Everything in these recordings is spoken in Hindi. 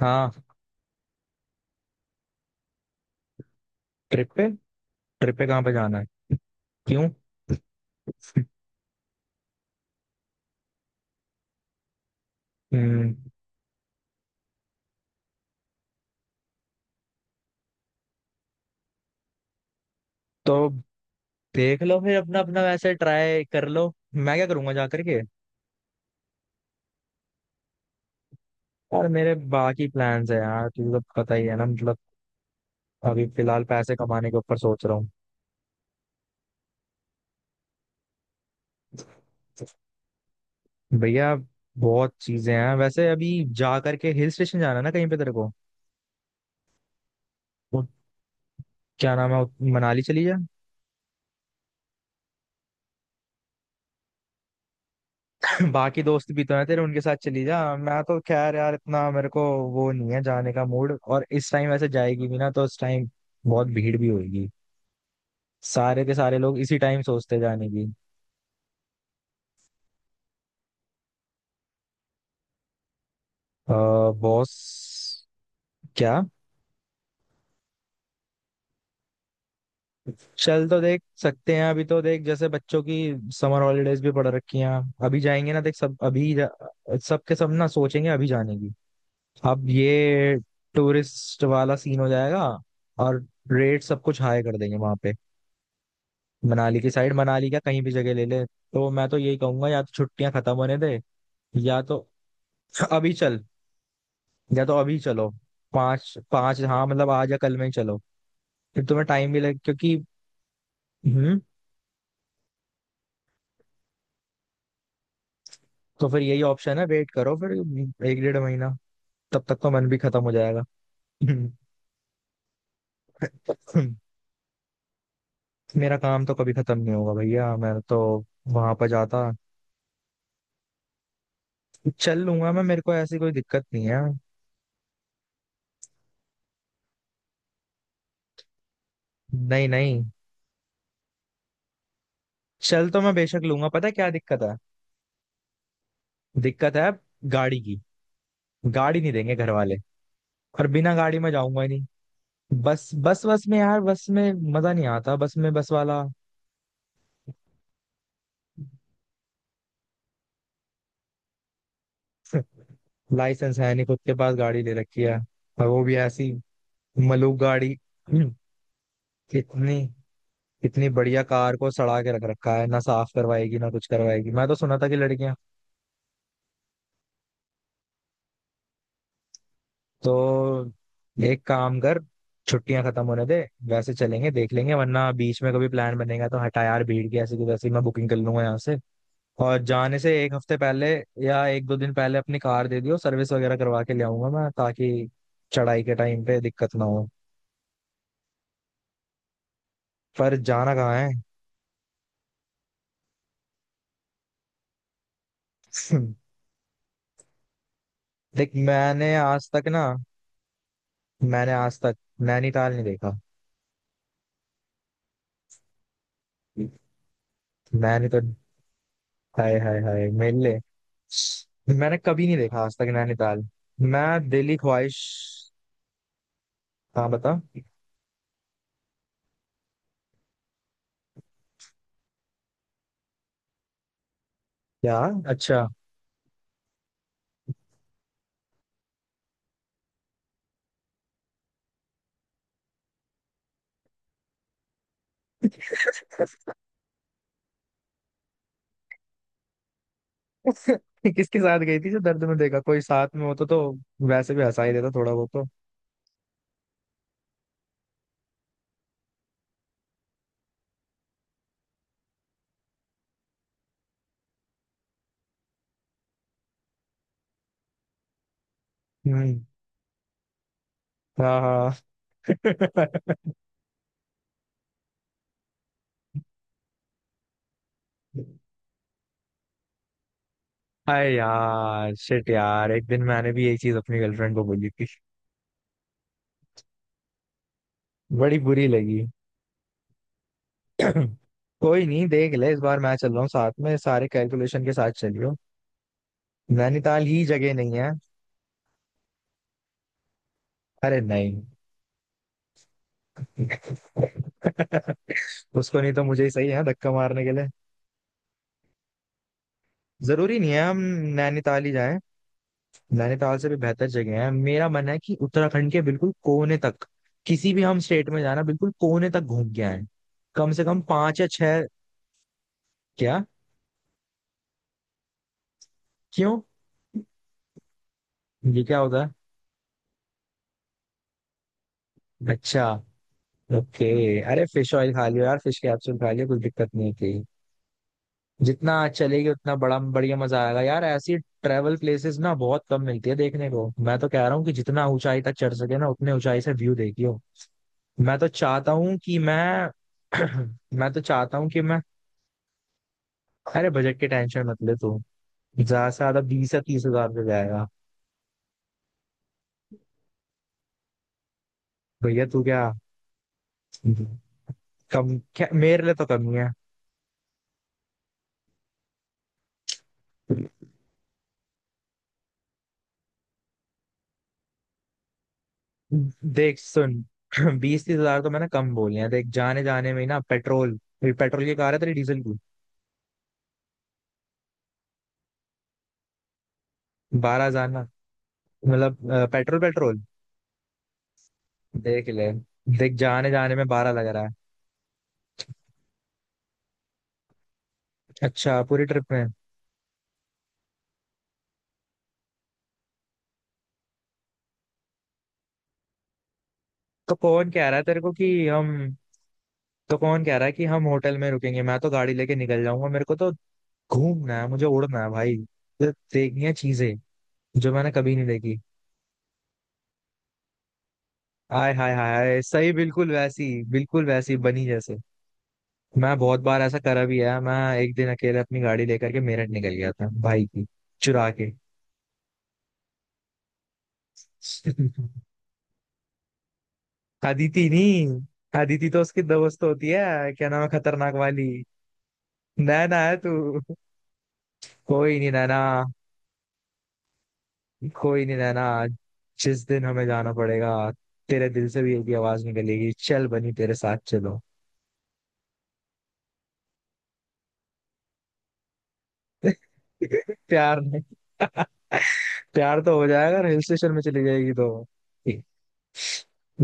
हाँ। ट्रिप पे। ट्रिप पे कहाँ पे जाना है? क्यों? हम्म। तो देख लो फिर अपना अपना, वैसे ट्राई कर लो, मैं क्या करूंगा जा करके। यार मेरे बाकी प्लान्स है यार, तुझे तो पता ही है ना, मतलब अभी फिलहाल पैसे कमाने के ऊपर सोच रहा हूँ। भैया बहुत चीजें हैं वैसे अभी। जा करके हिल स्टेशन जाना है ना कहीं पे तेरे को? वो क्या नाम है, मनाली चली जा। बाकी दोस्त भी तो हैं तेरे, उनके साथ चली जा। मैं तो खैर यार इतना मेरे को वो नहीं है जाने का मूड। और इस टाइम ऐसे जाएगी भी ना तो इस टाइम बहुत भीड़ भी होगी। सारे के सारे लोग इसी टाइम सोचते हैं जाने की। अ, बॉस क्या? चल तो देख सकते हैं अभी, तो देख जैसे बच्चों की समर हॉलीडेज भी पड़ रखी हैं। अभी जाएंगे ना, देख सब अभी जा, सब के सब ना सोचेंगे अभी जाने की। अब ये टूरिस्ट वाला सीन हो जाएगा और रेट सब कुछ हाई कर देंगे वहां पे। मनाली की साइड, मनाली क्या कहीं भी जगह ले ले, तो मैं तो यही कहूंगा या तो छुट्टियां खत्म होने दे, या तो अभी चल, या तो अभी चलो पाँच पाँच। हाँ मतलब आज या कल में ही चलो, फिर तुम्हें टाइम भी लगे क्योंकि। हम्म। तो फिर यही ऑप्शन है, वेट करो फिर एक डेढ़ महीना, तब तक तो मन भी खत्म हो जाएगा। हम्म। मेरा काम तो कभी खत्म नहीं होगा भैया, मैं तो वहां पर जाता चल लूंगा, मैं मेरे को ऐसी कोई दिक्कत नहीं है। नहीं नहीं, चल तो मैं बेशक लूंगा, पता है क्या दिक्कत है? दिक्कत है गाड़ी की। गाड़ी नहीं देंगे घर वाले, और बिना गाड़ी में जाऊंगा ही नहीं। बस बस बस में यार, बस में मजा नहीं आता, बस में बस वाला। लाइसेंस है नहीं खुद के पास, गाड़ी ले रखी है और वो भी ऐसी मलूक गाड़ी। हम्म। कितनी कितनी बढ़िया कार को सड़ा के रख रखा है, ना साफ करवाएगी ना कुछ करवाएगी, मैं तो सुना था कि लड़कियां। तो एक काम कर, छुट्टियां खत्म होने दे, वैसे चलेंगे देख लेंगे, वरना बीच में कभी प्लान बनेगा तो हटा यार भीड़ की ऐसी की वैसी, मैं बुकिंग कर लूंगा यहाँ से। और जाने से एक हफ्ते पहले या एक दो दिन पहले अपनी कार दे दियो, सर्विस वगैरह करवा के ले आऊंगा मैं, ताकि चढ़ाई के टाइम पे दिक्कत ना हो। पर जाना कहाँ है? देख मैंने आज तक ना, मैंने आज तक नैनीताल नहीं देखा। मैंने तो, हाय हाय हाय मेरे लिए, मैंने कभी नहीं देखा आज तक नैनीताल। मैं दिल्ली ख्वाहिश। हाँ बता। क्या? अच्छा। किसके साथ गई थी जो दर्द में देखा? कोई साथ में होता तो वैसे भी हंसा ही देता थोड़ा बहुत तो। हम्म। हाँ। हाय यार शिट यार, एक दिन मैंने भी यही चीज अपनी गर्लफ्रेंड को बोली थी, बड़ी बुरी लगी। कोई नहीं, देख ले इस बार मैं चल रहा हूँ साथ में, सारे कैलकुलेशन के साथ चलियो। नैनीताल ही जगह नहीं है। अरे नहीं। उसको नहीं तो मुझे ही सही है धक्का मारने के लिए। जरूरी नहीं है हम नैनीताल ही जाएं। नैनीताल से भी बेहतर जगह है, मेरा मन है कि उत्तराखंड के बिल्कुल कोने तक, किसी भी हम स्टेट में जाना बिल्कुल कोने तक घूम के आए। कम से कम पांच या छह। क्या? क्यों ये क्या होता है? अच्छा, ओके। अरे फिश ऑयल खा लियो यार, फिश कैप्सूल खा लियो, कुछ दिक्कत नहीं थी। जितना चलेगी उतना बड़ा बढ़िया मजा आएगा यार, ऐसी ट्रैवल प्लेसेस ना बहुत कम मिलती है देखने को, मैं तो कह रहा हूँ कि जितना ऊंचाई तक चढ़ सके ना, उतने ऊंचाई से व्यू देखियो। मैं तो चाहता हूँ कि मैं, मैं तो चाहता हूँ कि मैं, अरे बजट की टेंशन मत ले तू, ज्यादा से ज्यादा 20 या 30 हज़ार रुपये जाएगा। भैया तू क्या, कम क्या मेरे लिए तो कम ही है। देख सुन। 20, 30 हज़ार तो मैंने कम बोले हैं, देख जाने जाने में ही ना पेट्रोल, फिर पेट्रोल की कार है तेरी डीजल की। 12 हज़ार ना? मतलब पेट्रोल पेट्रोल। देख ले, देख जाने जाने में 12 लग रहा है। अच्छा पूरी ट्रिप में? तो कौन कह रहा है तेरे को कि हम, तो कौन कह रहा है कि हम होटल में रुकेंगे? मैं तो गाड़ी लेके निकल जाऊंगा, मेरे को तो घूमना है, मुझे उड़ना है भाई, तो देखनी है चीजें जो मैंने कभी नहीं देखी। आय हाय हाय हाय, सही बिल्कुल वैसी बनी जैसे, मैं बहुत बार ऐसा करा भी है, मैं एक दिन अकेले अपनी गाड़ी लेकर के मेरठ निकल गया था भाई की चुरा के। अदिति नहीं, अदिति तो उसकी दोस्त होती है, क्या नाम है खतरनाक वाली। नैना है तू। कोई नहीं नैना। कोई नहीं नैना, जिस दिन हमें जाना पड़ेगा तेरे दिल से भी एक ही आवाज निकलेगी, चल बनी तेरे साथ चलो। प्यार नहीं। प्यार तो हो जाएगा अगर हिल स्टेशन में चली जाएगी तो।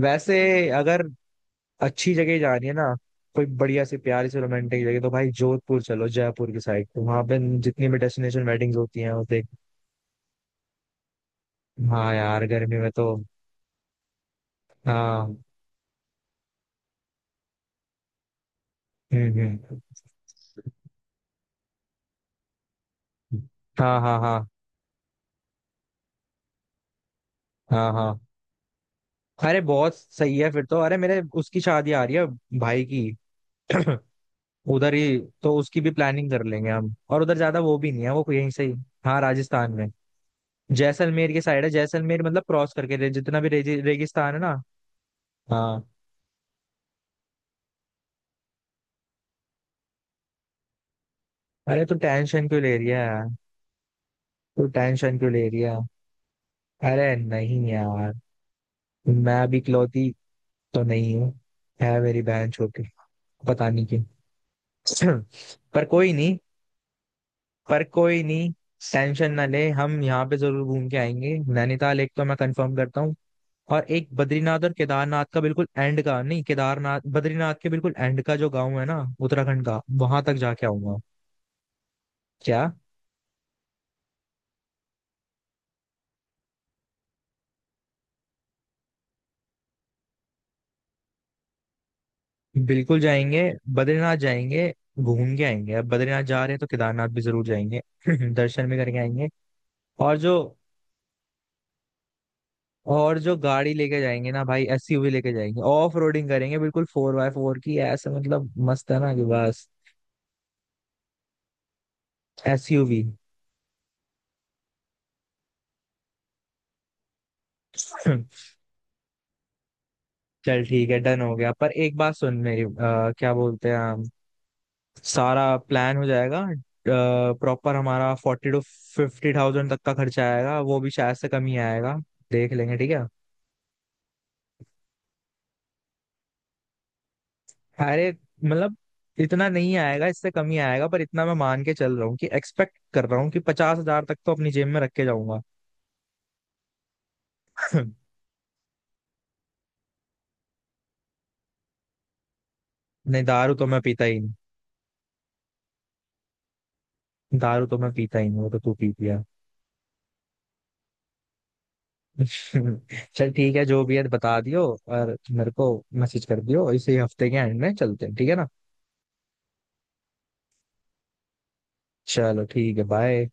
वैसे अगर अच्छी जगह ही जानी है ना, कोई बढ़िया सी प्यारी सी रोमांटिक जगह, तो भाई जोधपुर चलो, जयपुर की साइड, तो वहां पे जितनी भी डेस्टिनेशन वेडिंग्स होती हैं वो देख। हाँ यार गर्मी में तो। हाँ। हम्म। हाँ हाँ हाँ। हाँ हाँ। अरे बहुत सही है, फिर तो अरे मेरे उसकी शादी आ रही है भाई की। उधर ही तो उसकी भी प्लानिंग कर लेंगे हम, और उधर ज्यादा वो भी नहीं है, वो यहीं से ही। हाँ राजस्थान में। जैसलमेर की साइड है, जैसलमेर मतलब क्रॉस करके जितना भी रेगिस्तान है ना। हाँ। अरे तू टेंशन क्यों ले रही है? तो टेंशन क्यों ले रही है? अरे नहीं यार, मैं अभी इकलौती तो नहीं हूँ, है मेरी बहन छोटी, पता नहीं क्यों। पर कोई नहीं, पर कोई नहीं, टेंशन ना ले, हम यहाँ पे जरूर घूम के आएंगे। नैनीताल एक तो मैं कंफर्म करता हूँ, और एक बद्रीनाथ, और केदारनाथ का बिल्कुल एंड का नहीं, केदारनाथ बद्रीनाथ के बिल्कुल एंड का जो गांव है ना उत्तराखंड का, वहां तक जाके आऊंगा। क्या? बिल्कुल जाएंगे, बद्रीनाथ जाएंगे, घूम के आएंगे। अब बद्रीनाथ जा रहे हैं तो केदारनाथ भी जरूर जाएंगे। दर्शन भी करके आएंगे। और जो, और जो गाड़ी लेके जाएंगे ना भाई, एसयूवी लेके जाएंगे, ऑफ रोडिंग करेंगे बिल्कुल 4x4 की, ऐसे मतलब मस्त है ना कि बस। एसयूवी। चल ठीक है, डन हो गया, पर एक बात सुन मेरी, क्या बोलते हैं हम, सारा प्लान हो जाएगा प्रॉपर, हमारा 40-50,000 तक का खर्चा आएगा, वो भी शायद से कम ही आएगा, देख लेंगे ठीक है। अरे मतलब इतना नहीं आएगा, इससे कम ही आएगा, पर इतना मैं मान के चल रहा हूँ कि एक्सपेक्ट कर रहा हूँ कि 50 हज़ार तक तो अपनी जेब में रख के जाऊंगा। नहीं, दारू तो मैं पीता ही नहीं, दारू तो मैं पीता ही नहीं, वो तो तू पी पिया। चल ठीक है जो भी है बता दियो, और मेरे को मैसेज कर दियो, इसी हफ्ते के एंड में चलते हैं ठीक है ना? चलो ठीक है बाय।